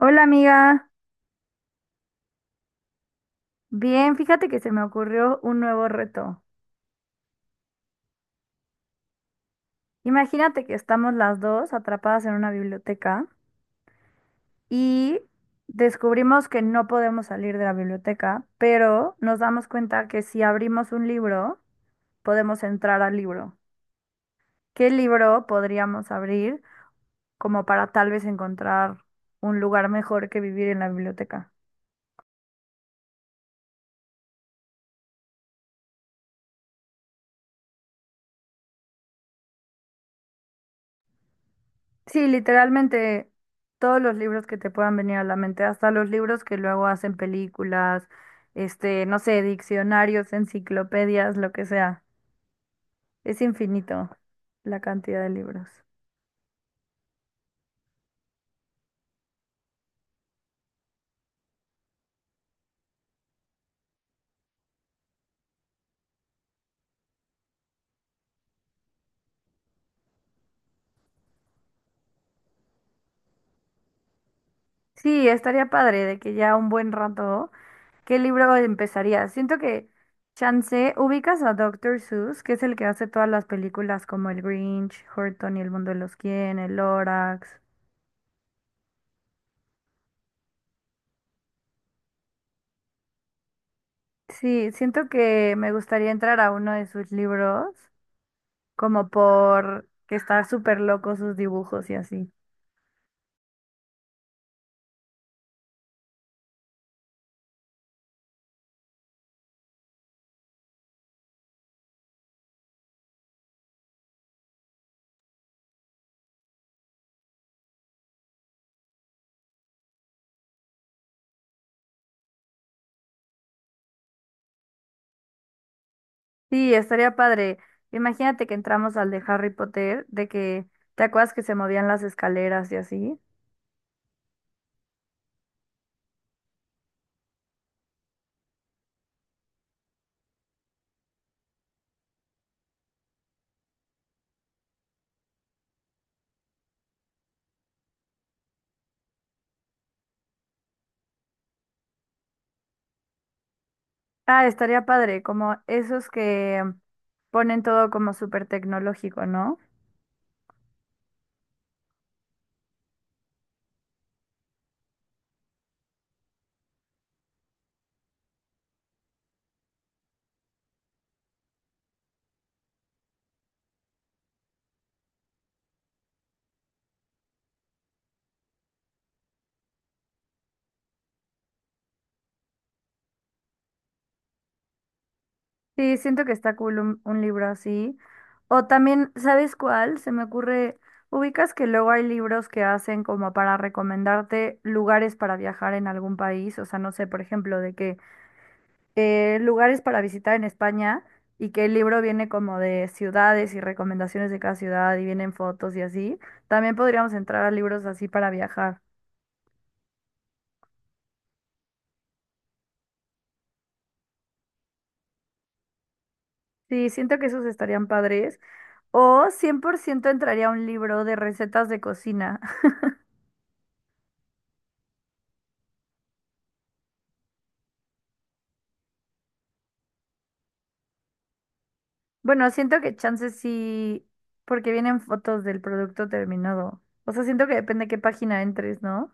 Hola amiga, bien, fíjate que se me ocurrió un nuevo reto. Imagínate que estamos las dos atrapadas en una biblioteca y descubrimos que no podemos salir de la biblioteca, pero nos damos cuenta que si abrimos un libro, podemos entrar al libro. ¿Qué libro podríamos abrir como para tal vez encontrar un lugar mejor que vivir en la biblioteca? Sí, literalmente todos los libros que te puedan venir a la mente, hasta los libros que luego hacen películas, no sé, diccionarios, enciclopedias, lo que sea. Es infinito la cantidad de libros. Sí, estaría padre de que ya un buen rato, ¿qué libro empezaría? Siento que chance, ubicas a Doctor Seuss, que es el que hace todas las películas como El Grinch, Horton y el mundo de los quién, El Lorax. Sí, siento que me gustaría entrar a uno de sus libros como por que está súper loco sus dibujos y así. Sí, estaría padre. Imagínate que entramos al de Harry Potter, de que te acuerdas que se movían las escaleras y así. Ah, estaría padre, como esos que ponen todo como súper tecnológico, ¿no? Sí, siento que está cool un libro así. O también, ¿sabes cuál? Se me ocurre, ubicas que luego hay libros que hacen como para recomendarte lugares para viajar en algún país, o sea, no sé, por ejemplo, de que lugares para visitar en España y que el libro viene como de ciudades y recomendaciones de cada ciudad y vienen fotos y así. También podríamos entrar a libros así para viajar. Sí, siento que esos estarían padres. O 100% entraría un libro de recetas de cocina. Bueno, siento que chances sí, porque vienen fotos del producto terminado. O sea, siento que depende de qué página entres, ¿no?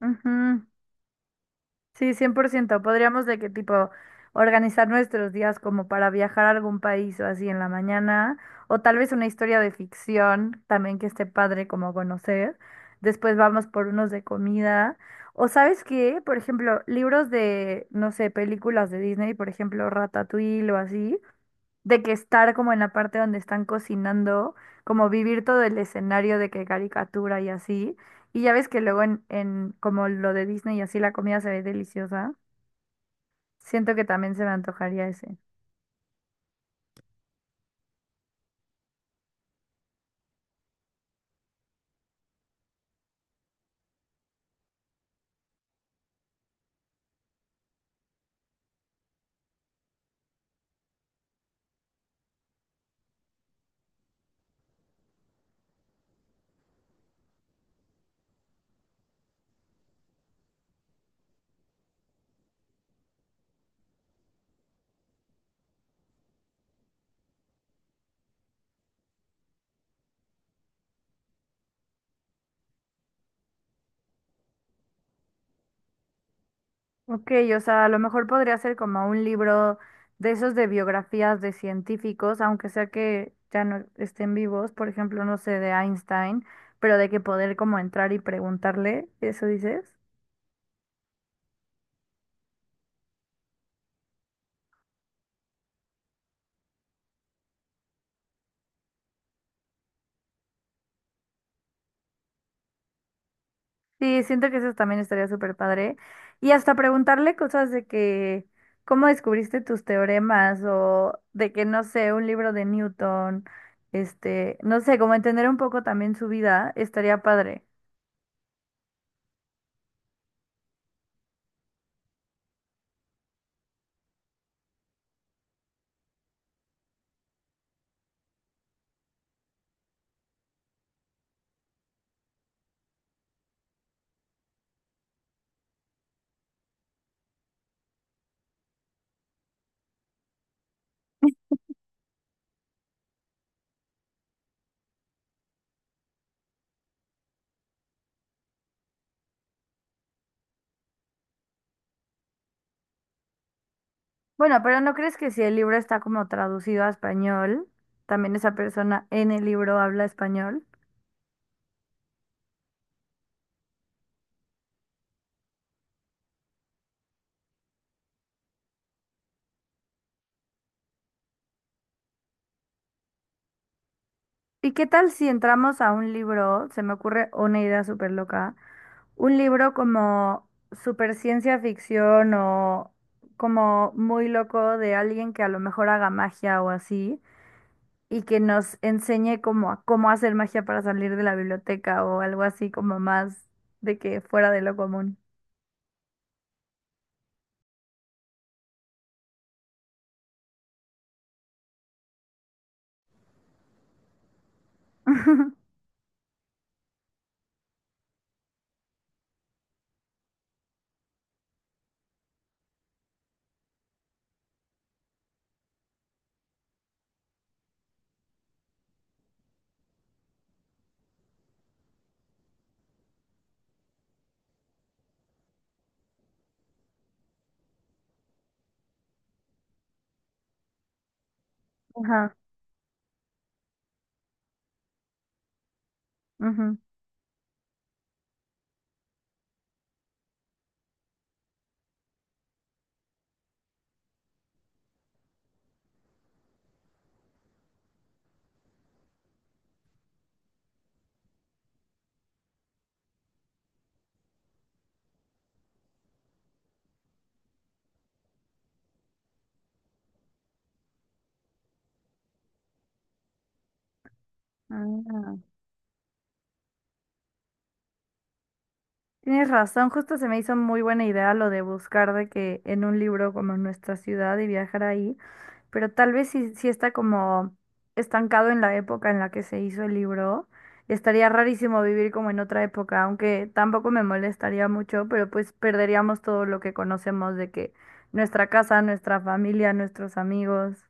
Ujú. Sí, 100%. Podríamos de qué tipo organizar nuestros días como para viajar a algún país o así en la mañana, o tal vez una historia de ficción también que esté padre como conocer. Después vamos por unos de comida. O sabes qué, por ejemplo, libros de, no sé, películas de Disney, por ejemplo, Ratatouille o así de que estar como en la parte donde están cocinando, como vivir todo el escenario de que caricatura y así. Y ya ves que luego en como lo de Disney y así la comida se ve deliciosa. Siento que también se me antojaría ese. Ok, o sea, a lo mejor podría ser como un libro de esos de biografías de científicos, aunque sea que ya no estén vivos, por ejemplo, no sé, de Einstein, pero de que poder como entrar y preguntarle, ¿eso dices? Sí, siento que eso también estaría súper padre. Y hasta preguntarle cosas de que, ¿cómo descubriste tus teoremas? O de que, no sé, un libro de Newton, no sé, como entender un poco también su vida, estaría padre. Bueno, pero ¿no crees que si el libro está como traducido a español, también esa persona en el libro habla español? ¿Y qué tal si entramos a un libro, se me ocurre una idea súper loca, un libro como super ciencia ficción o como muy loco de alguien que a lo mejor haga magia o así y que nos enseñe como a cómo hacer magia para salir de la biblioteca o algo así como más de que fuera de lo común. Ajá, ujú. Ah, tienes razón, justo se me hizo muy buena idea lo de buscar de que en un libro como en nuestra ciudad y viajar ahí. Pero tal vez si está como estancado en la época en la que se hizo el libro, estaría rarísimo vivir como en otra época, aunque tampoco me molestaría mucho, pero pues perderíamos todo lo que conocemos de que nuestra casa, nuestra familia, nuestros amigos.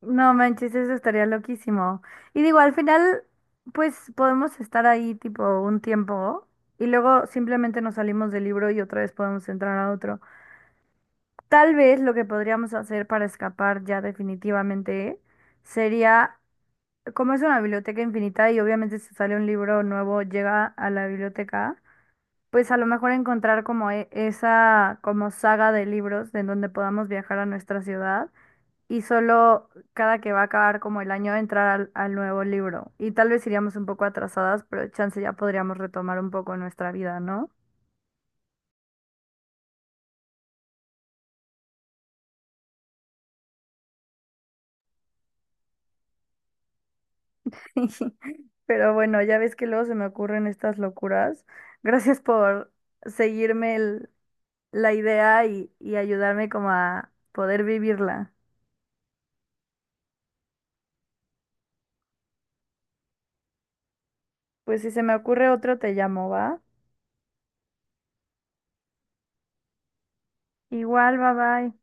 No manches, eso estaría loquísimo. Y digo, al final, pues podemos estar ahí tipo un tiempo y luego simplemente nos salimos del libro y otra vez podemos entrar a otro. Tal vez lo que podríamos hacer para escapar ya definitivamente sería, como es una biblioteca infinita y obviamente si sale un libro nuevo llega a la biblioteca, pues a lo mejor encontrar como e- esa como saga de libros en donde podamos viajar a nuestra ciudad y solo cada que va a acabar como el año entrar al nuevo libro. Y tal vez iríamos un poco atrasadas, pero chance ya podríamos retomar un poco nuestra vida, ¿no? Pero bueno, ya ves que luego se me ocurren estas locuras. Gracias por seguirme el- la idea y ayudarme como a poder vivirla. Pues si se me ocurre otro, te llamo, ¿va? Igual, bye bye.